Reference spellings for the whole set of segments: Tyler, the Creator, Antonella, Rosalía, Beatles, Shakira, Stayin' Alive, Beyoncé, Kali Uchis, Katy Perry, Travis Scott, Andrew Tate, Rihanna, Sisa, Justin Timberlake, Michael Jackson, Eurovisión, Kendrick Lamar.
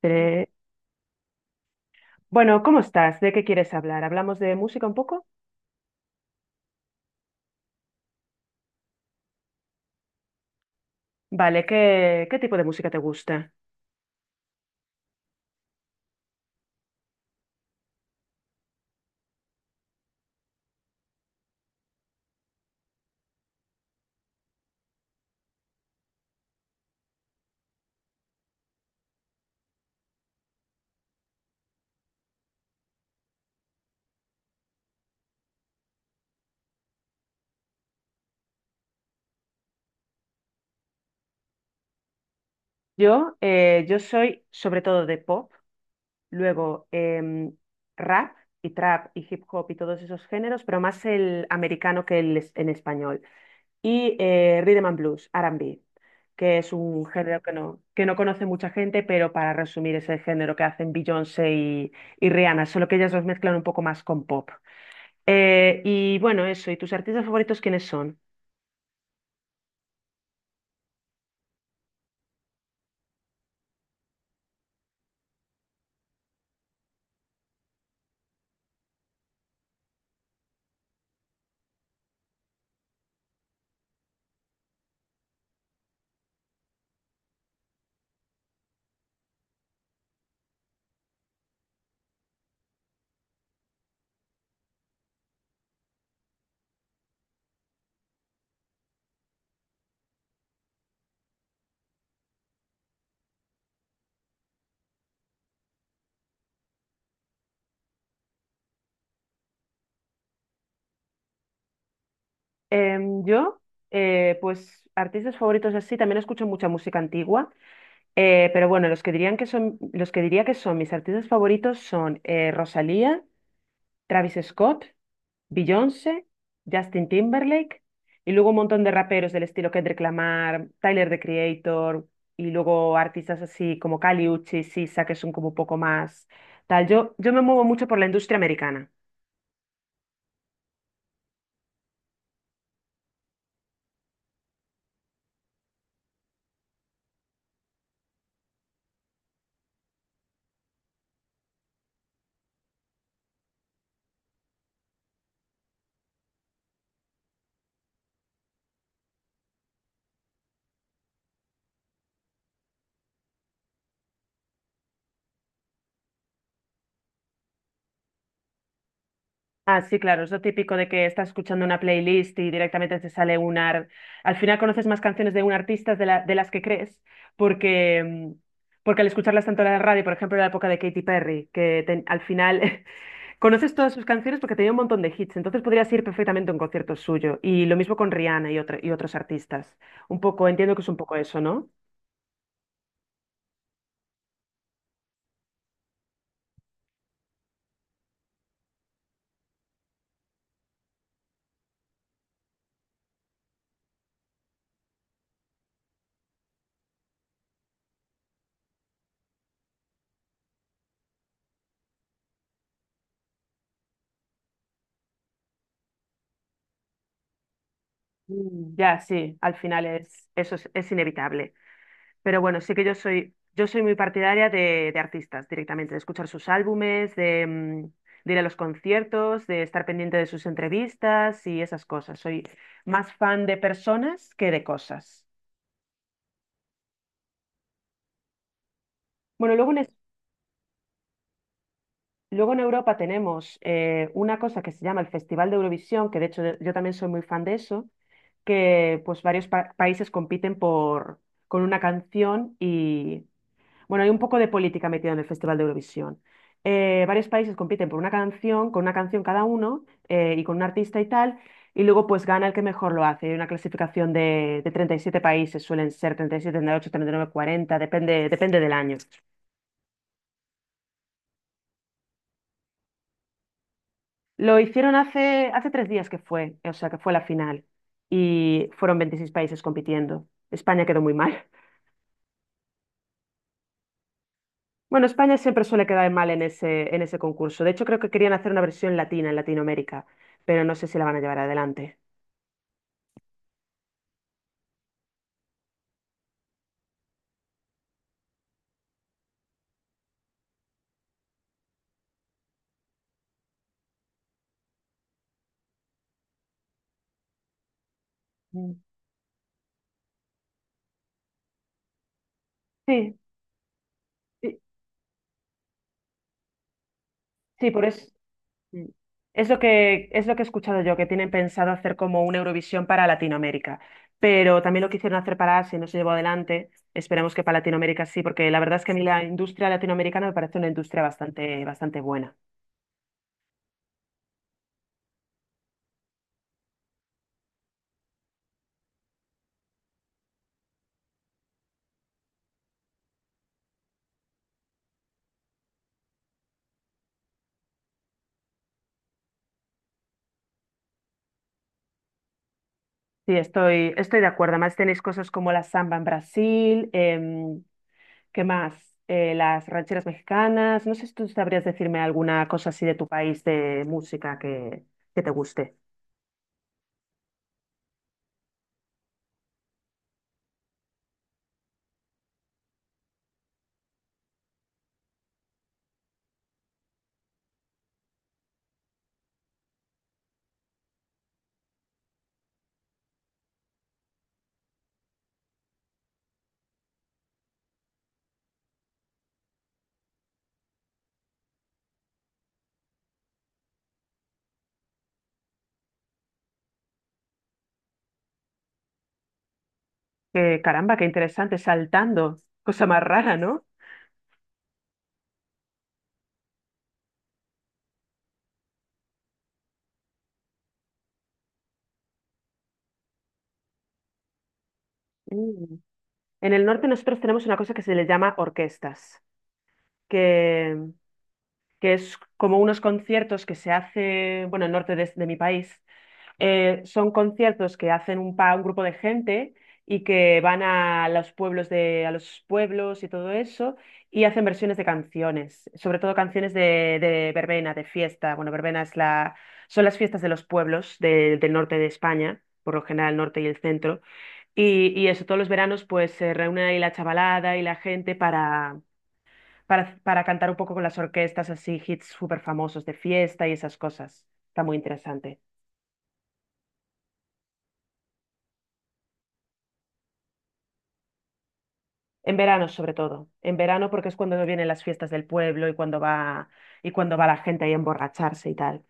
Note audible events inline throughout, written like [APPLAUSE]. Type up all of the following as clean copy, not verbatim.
Tre- Bueno, ¿cómo estás? ¿De qué quieres hablar? ¿Hablamos de música un poco? Vale, ¿qué tipo de música te gusta? Yo soy sobre todo de pop, luego rap y trap y hip hop y todos esos géneros, pero más el americano que el en español. Y rhythm and blues, R&B, que es un género que no conoce mucha gente, pero para resumir es el género que hacen Beyoncé y Rihanna, solo que ellas los mezclan un poco más con pop. Y bueno, eso, ¿y tus artistas favoritos quiénes son? Em, yo, pues artistas favoritos así, también escucho mucha música antigua, pero bueno, los que diría que son mis artistas favoritos son Rosalía, Travis Scott, Beyoncé, Justin Timberlake, y luego un montón de raperos del estilo Kendrick Lamar, Tyler, the Creator, y luego artistas así como Kali Uchis, Sisa, que son como un poco más tal. Yo me muevo mucho por la industria americana. Ah, sí, claro, es lo típico de que estás escuchando una playlist y directamente te sale. Al final conoces más canciones de un artista de las que crees, porque, mm, porque al escucharlas tanto en la radio, por ejemplo, en la época de Katy Perry, al final [LAUGHS] conoces todas sus canciones porque tenía un montón de hits, entonces podrías ir perfectamente a un concierto suyo. Y lo mismo con Rihanna y otros artistas. Un poco, entiendo que es un poco eso, ¿no? Mm. Ya, sí, al final es, eso es inevitable. Pero bueno, sí que yo soy muy partidaria de artistas directamente, de escuchar sus álbumes, de ir a los conciertos, de estar pendiente de sus entrevistas y esas cosas. Soy más fan de personas que de cosas. Bueno, luego en Europa tenemos una cosa que se llama el Festival de Eurovisión, que de hecho yo también soy muy fan de eso, que pues varios países compiten con una canción. Y bueno, hay un poco de política metida en el Festival de Eurovisión. Varios países compiten por una canción, con una canción cada uno y con un artista y tal, y luego pues gana el que mejor lo hace. Hay una clasificación de 37 países, suelen ser treinta y siete, 38, 39, 40, depende del año. Lo hicieron hace 3 días que fue, o sea, que fue la final, y fueron 26 países compitiendo. España quedó muy mal. Bueno, España siempre suele quedar mal en ese concurso. De hecho, creo que querían hacer una versión latina en Latinoamérica, pero no sé si la van a llevar adelante. Mm. Sí, sí, sí, por eso. Mm. Es lo que he escuchado yo, que tienen pensado hacer como una Eurovisión para Latinoamérica. Pero también lo quisieron hacer para Asia y no se llevó adelante. Esperemos que para Latinoamérica sí, porque la verdad es que a mí la industria latinoamericana me parece una industria bastante, bastante buena. Sí, estoy de acuerdo. Además, tenéis cosas como la samba en Brasil, ¿qué más? Las rancheras mexicanas. No sé si tú sabrías decirme alguna cosa así de tu país de música que te guste. Que, caramba, qué interesante, saltando. Cosa más rara, ¿no? Mm. En el norte nosotros tenemos una cosa que se le llama orquestas, que, que es como unos conciertos que se hace, bueno, en el norte de mi país, son conciertos que hacen un grupo de gente y que van a los pueblos a los pueblos y todo eso, y hacen versiones de canciones, sobre todo canciones de verbena, de fiesta. Bueno, verbena son las fiestas de los pueblos del norte de España, por lo general el norte y el centro. Y eso, todos los veranos pues se reúne ahí la chavalada y la gente para cantar un poco con las orquestas, así hits súper famosos de fiesta y esas cosas. Está muy interesante. En verano, sobre todo. En verano, porque es cuando vienen las fiestas del pueblo y cuando va la gente ahí a emborracharse y tal.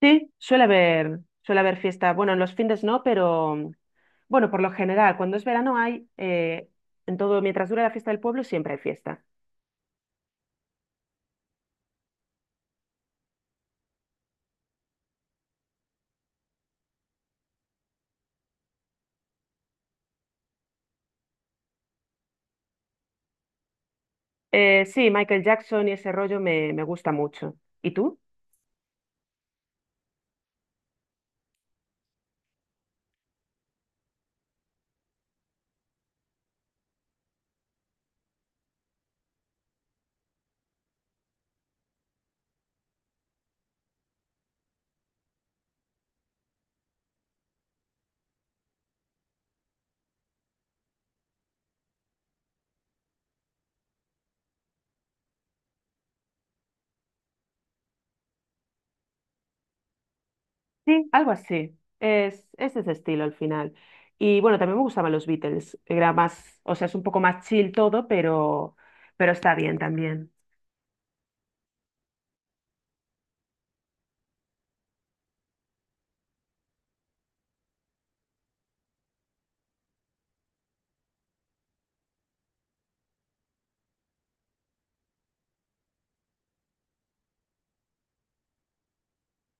Sí, suele haber fiesta. Bueno, en los fines no, pero bueno, por lo general, cuando es verano en todo, mientras dura la fiesta del pueblo, siempre hay fiesta. Sí, Michael Jackson y ese rollo me gusta mucho. ¿Y tú? Sí, algo así. Es de ese estilo al final. Y bueno, también me gustaban los Beatles. Era más, o sea, es un poco más chill todo, pero está bien también.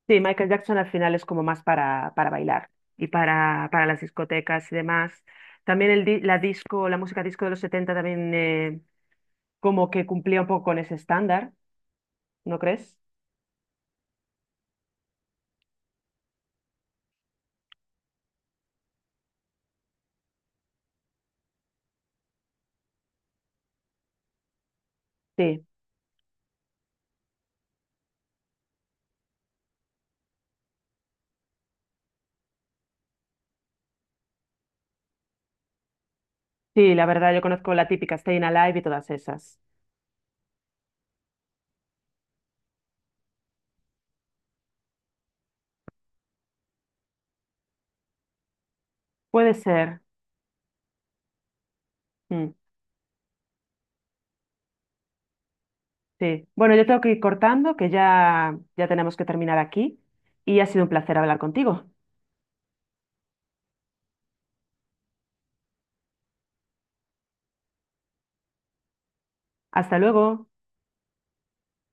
Sí, Michael Jackson al final es como más para bailar y para las discotecas y demás. También la disco, la música disco de los 70 también como que cumplía un poco con ese estándar, ¿no crees? Sí, sí, la verdad yo conozco la típica Stayin' Alive y todas esas. Puede ser. Mm, sí. Bueno, yo tengo que ir cortando, que ya tenemos que terminar aquí y ha sido un placer hablar contigo. Hasta luego.